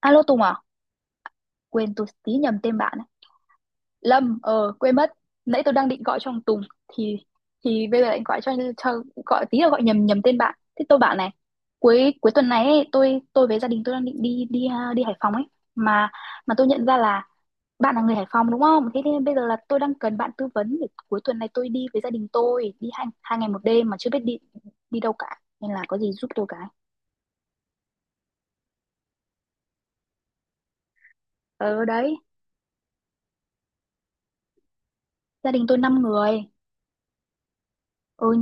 Alo Tùng à? Quên tôi tí nhầm tên bạn. Lâm, quên mất. Nãy tôi đang định gọi cho thằng Tùng thì thì bây giờ lại gọi cho gọi tí là gọi nhầm nhầm tên bạn. Thế tôi bảo này, cuối cuối tuần này ấy, tôi với gia đình tôi đang định đi đi à, đi Hải Phòng ấy, mà mà tôi nhận ra là bạn là người Hải Phòng đúng không? Thế nên bây giờ là tôi đang cần bạn tư vấn để cuối tuần này tôi đi với gia đình tôi đi hai hai ngày một đêm mà chưa biết đi đi đâu cả. Nên là có gì giúp tôi cái. Ờ đấy, gia đình tôi 5 người. Ừ,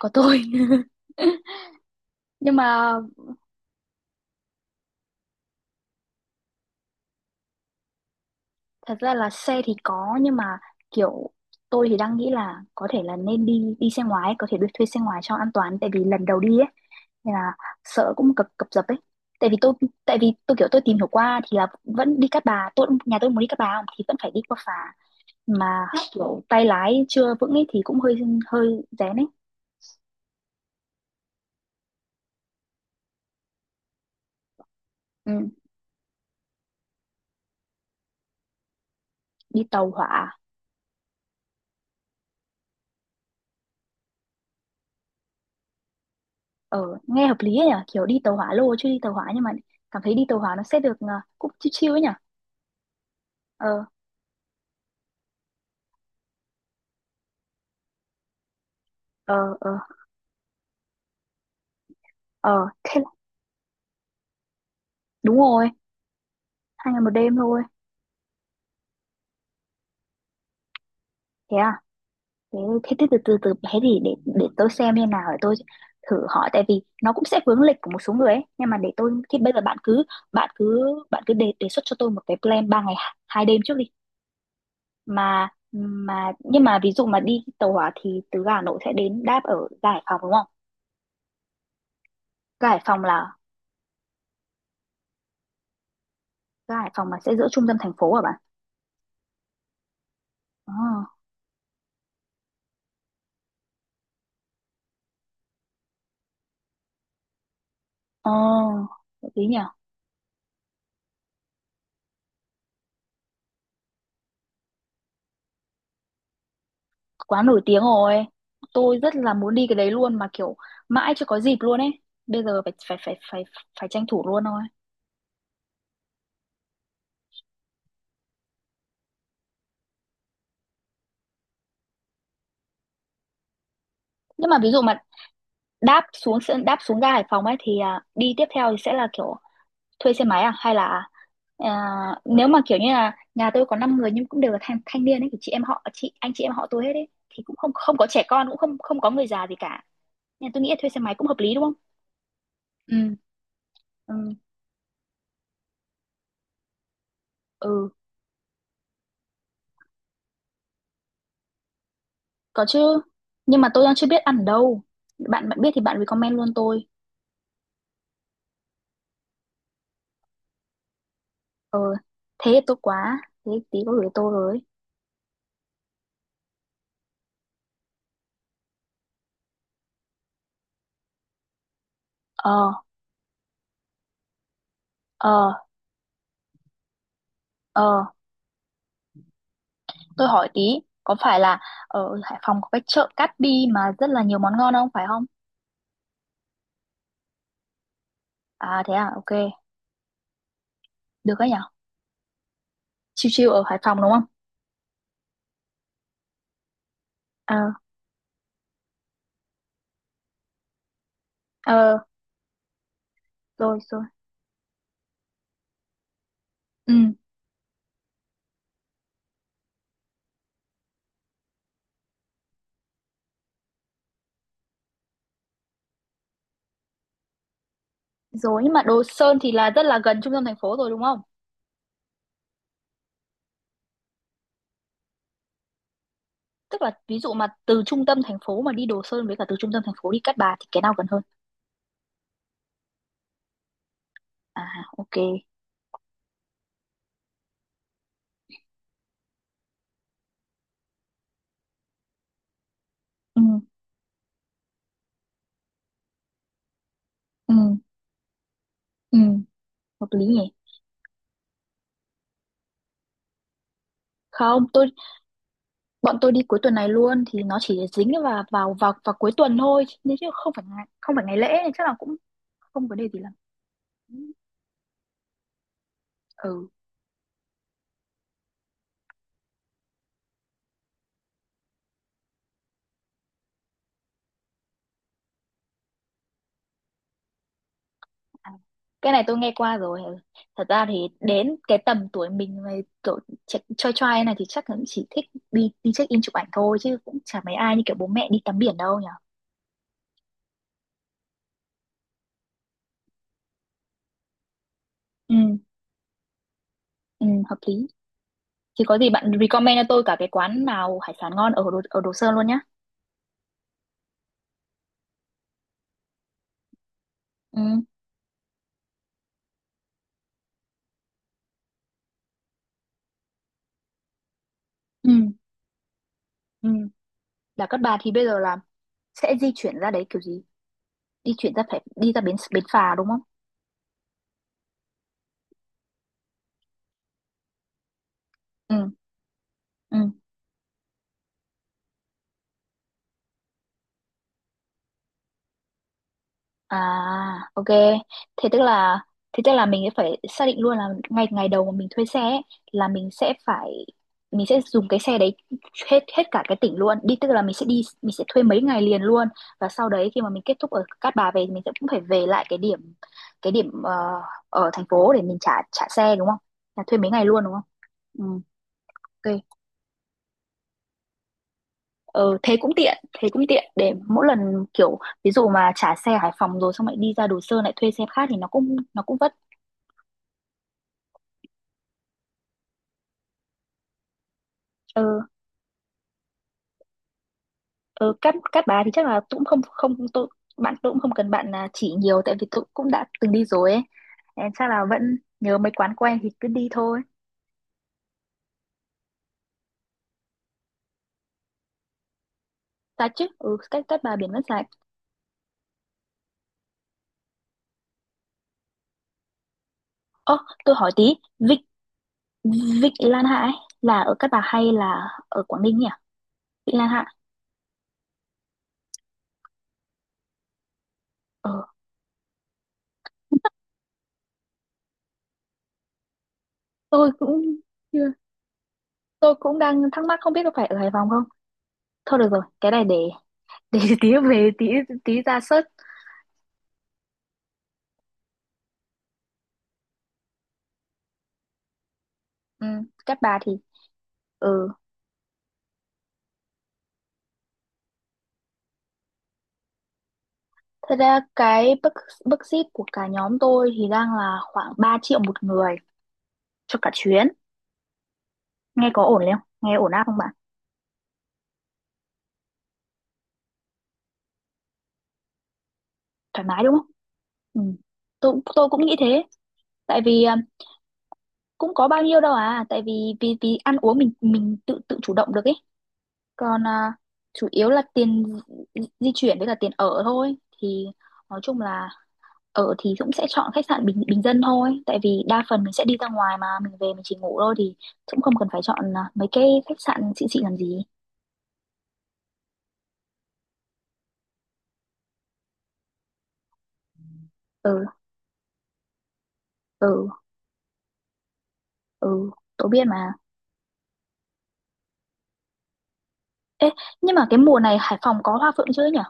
có tôi. Nhưng mà thật ra là xe thì có nhưng mà kiểu tôi thì đang nghĩ là có thể là nên đi đi xe ngoài ấy, có thể được thuê xe ngoài cho an toàn tại vì lần đầu đi ấy nên là sợ cũng cập cập dập ấy, tại vì tôi tại vì tôi kiểu tôi tìm hiểu qua thì là vẫn đi Cát Bà, tôi nhà tôi muốn đi Cát Bà không thì vẫn phải đi qua phà mà kiểu tay lái chưa vững ấy thì cũng hơi hơi rén ấy. Ừ, đi tàu hỏa. Ờ Nghe hợp lý ấy nhỉ, kiểu đi tàu hỏa lô chứ đi tàu hỏa nhưng mà cảm thấy đi tàu hỏa nó sẽ được cũng chill chill ấy nhỉ. Ờ, ờ, ờ. Ờ, đúng rồi, 2 ngày 1 đêm thôi. Thế à? Thế từ từ từ bé thì để tôi xem như nào để tôi thử hỏi tại vì nó cũng sẽ vướng lịch của một số người ấy. Nhưng mà để tôi thì bây giờ bạn cứ bạn cứ đề đề xuất cho tôi một cái plan ba ngày hai đêm trước đi. Mà mà nhưng mà ví dụ mà đi tàu hỏa thì từ ga Hà Nội sẽ đến đáp ở ga Hải Phòng đúng không? Ga Hải Phòng là Ga Hải Phòng mà sẽ giữa trung tâm thành phố hả bạn? Ờ. Ờ, hợp lý nhỉ? Quá nổi tiếng rồi, tôi rất là muốn đi cái đấy luôn mà kiểu mãi chưa có dịp luôn ấy, bây giờ phải phải phải phải phải tranh thủ luôn thôi. Nhưng mà ví dụ mà đáp xuống ga Hải Phòng ấy thì đi tiếp theo thì sẽ là kiểu thuê xe máy à hay là, à, nếu mà kiểu như là nhà tôi có 5 người nhưng cũng đều là thanh thanh niên ấy thì chị em họ chị anh chị em họ tôi hết ấy thì cũng không không có trẻ con cũng không không có người già gì cả nên tôi nghĩ là thuê xe máy cũng hợp lý đúng không. Ừ, ừ, ừ. Có chứ, nhưng mà tôi đang chưa biết ăn ở đâu. Bạn bạn biết thì bạn recommend luôn tôi. Ờ, thế thì tốt quá. Thế tí có gửi tôi rồi. Ờ, ờ, ờ. Tôi hỏi tí, có phải là ở Hải Phòng có cái chợ Cát Bi mà rất là nhiều món ngon không, phải không? À thế à, ok. Được đấy nhở? Chill chill ở Hải Phòng đúng không? Ờ, ờ, rồi, rồi. Ừ, rồi. Nhưng mà Đồ Sơn thì là rất là gần trung tâm thành phố rồi đúng không? Tức là ví dụ mà từ trung tâm thành phố mà đi Đồ Sơn với cả từ trung tâm thành phố đi Cát Bà thì cái nào gần hơn? À, ok. Ừ. Ừ, ừ, hợp lý nhỉ? Không, bọn tôi đi cuối tuần này luôn thì nó chỉ dính vào vào vào vào cuối tuần thôi nên chứ không phải ngày, không phải ngày lễ nên chắc là cũng không vấn đề gì lắm. Ừ. À, cái này tôi nghe qua rồi. Ừ. Thật ra thì đến cái tầm tuổi mình mà kiểu choi choai này thì chắc là cũng chỉ thích đi đi check in chụp ảnh thôi chứ cũng chả mấy ai như kiểu bố mẹ đi tắm biển đâu nhỉ. Ừ, ừ, hợp lý. Thì có gì bạn recommend cho tôi cả cái quán nào hải sản ngon ở ở Đồ Sơn luôn nhá. Ừ, ừ, ừ. Là các bà thì bây giờ là sẽ di chuyển ra đấy kiểu gì, di chuyển ra phải đi ra bến bến phà đúng không. Ừ, ừ, à, ok. Thế tức là thế tức là mình sẽ phải xác định luôn là ngày ngày đầu mà mình thuê xe ấy, là mình sẽ phải mình sẽ dùng cái xe đấy hết hết cả cái tỉnh luôn đi, tức là mình sẽ thuê mấy ngày liền luôn, và sau đấy khi mà mình kết thúc ở Cát Bà về thì mình sẽ cũng phải về lại cái điểm ở thành phố để mình trả trả xe đúng không, là thuê mấy ngày luôn đúng không. Ừ, ok. Ờ, thế cũng tiện để mỗi lần kiểu ví dụ mà trả xe Hải Phòng rồi xong lại đi ra Đồ Sơn lại thuê xe khác thì nó cũng vất. Ờ, ờ, Cát Cát Bà thì chắc là tôi cũng không không bạn tôi cũng không cần bạn chỉ nhiều tại vì tôi cũng đã từng đi rồi ấy. Em chắc là vẫn nhớ mấy quán quen thì cứ đi thôi. Ta chứ, ừ, Cát Cát Bà biển vẫn sạch. Ơ, tôi hỏi tí, Vịnh Vịnh Lan Hạ ấy, là ở Cát Bà hay là ở Quảng Ninh nhỉ? Vịnh Lan Hạ. Ờ, tôi cũng chưa- tôi cũng đang thắc mắc không biết có phải ở Hải Phòng không? Thôi được rồi, cái này để tí về tí tí ra search. Ừ, các bà thì ừ, thế ra cái budget budget của cả nhóm tôi thì đang là khoảng 3 triệu 1 người cho cả chuyến. Nghe có ổn không? Nghe ổn áp không bạn? Thoải mái đúng không? Ừ. Tôi cũng nghĩ thế, tại vì cũng có bao nhiêu đâu tại vì vì vì ăn uống mình tự tự chủ động được ấy. Còn chủ yếu là tiền di di chuyển với cả tiền ở thôi thì nói chung là ở thì cũng sẽ chọn khách sạn bình bình dân thôi, tại vì đa phần mình sẽ đi ra ngoài mà mình về mình chỉ ngủ thôi thì cũng không cần phải chọn mấy cái khách sạn xịn xịn làm gì. Ừ, ừ, ừ, tôi biết mà. Ê, nhưng mà cái mùa này Hải Phòng có hoa phượng chưa nhỉ?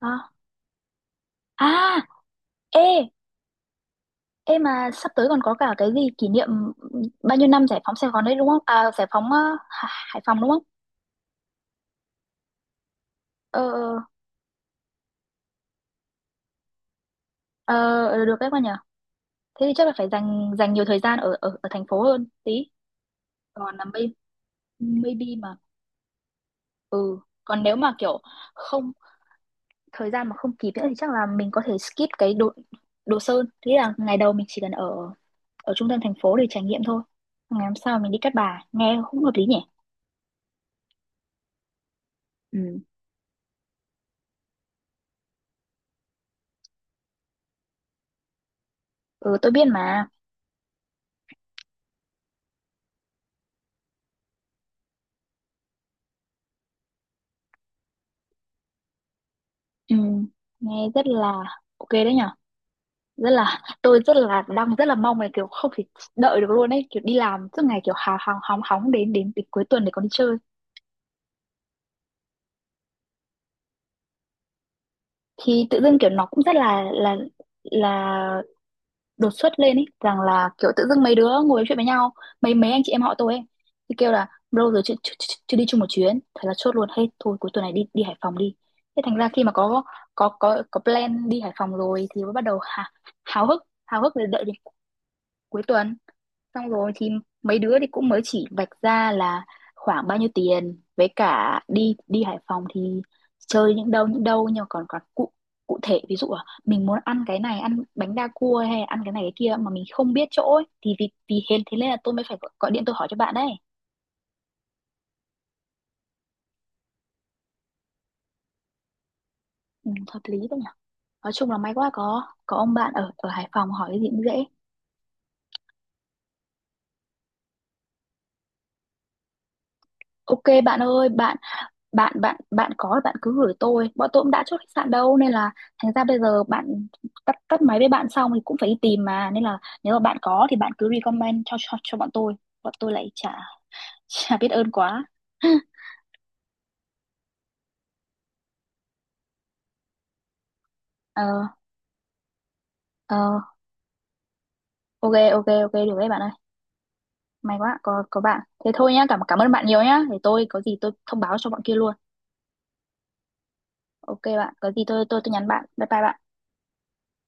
À, à, ê. Ê, mà sắp tới còn có cả cái gì kỷ niệm bao nhiêu năm giải phóng Sài Gòn đấy đúng không, giải phóng Hải Phòng đúng không? Ờ, ờ, ờ, ờ, được đấy con nhỉ. Thế thì chắc là phải dành dành nhiều thời gian ở ở thành phố hơn tí. Còn là maybe mà, ừ, còn nếu mà kiểu không, thời gian mà không kịp nữa thì chắc là mình có thể skip cái đồ đồ sơn, thế là ngày đầu mình chỉ cần ở ở trung tâm thành phố để trải nghiệm thôi, ngày hôm sau mình đi Cát Bà nghe cũng hợp lý nhỉ. Ừ, ừ, tôi biết mà. Ừ, nghe rất là ok đấy nhở, rất là, tôi rất là đang rất là mong là kiểu không thể đợi được luôn ấy, kiểu đi làm suốt ngày kiểu hào hào hóng hóng đến đến đến cuối tuần để còn đi chơi thì tự dưng kiểu nó cũng rất là đột xuất, lên ý rằng là kiểu tự dưng mấy đứa ngồi nói chuyện với nhau, mấy mấy anh chị em họ tôi ấy thì kêu là bro rồi chưa, chưa, chưa, chưa đi chung một chuyến, thế là chốt luôn hết thôi, cuối tuần này đi đi Hải Phòng đi. Thế thành ra khi mà có plan đi Hải Phòng rồi thì mới bắt đầu háo hức để đợi đến cuối tuần, xong rồi thì mấy đứa thì cũng mới chỉ vạch ra là khoảng bao nhiêu tiền với cả đi đi Hải Phòng thì chơi những đâu những đâu, nhưng mà còn còn cụ cụ thể ví dụ là mình muốn ăn cái này, ăn bánh đa cua hay ăn cái này cái kia mà mình không biết chỗ ấy, thì vì vì hên thế nên là tôi mới phải gọi điện tôi hỏi cho bạn đấy. Ừ, hợp lý đấy nhỉ, nói chung là may quá có ông bạn ở ở Hải Phòng hỏi cái gì cũng dễ. Ok bạn ơi, bạn bạn bạn bạn có, bạn cứ gửi tôi, bọn tôi cũng đã chốt khách sạn đâu nên là thành ra bây giờ bạn tắt tắt máy với bạn xong thì cũng phải đi tìm mà, nên là nếu mà bạn có thì bạn cứ recommend cho bọn tôi, bọn tôi lại chả chả biết ơn quá. Ờ, ờ, ok, ok, ok, được đấy bạn ơi, may quá có bạn. Thế thôi nhá, cảm cảm ơn bạn nhiều nhá, để tôi có gì tôi thông báo cho bọn kia luôn. Ok bạn, có gì tôi nhắn bạn. Bye bye bạn.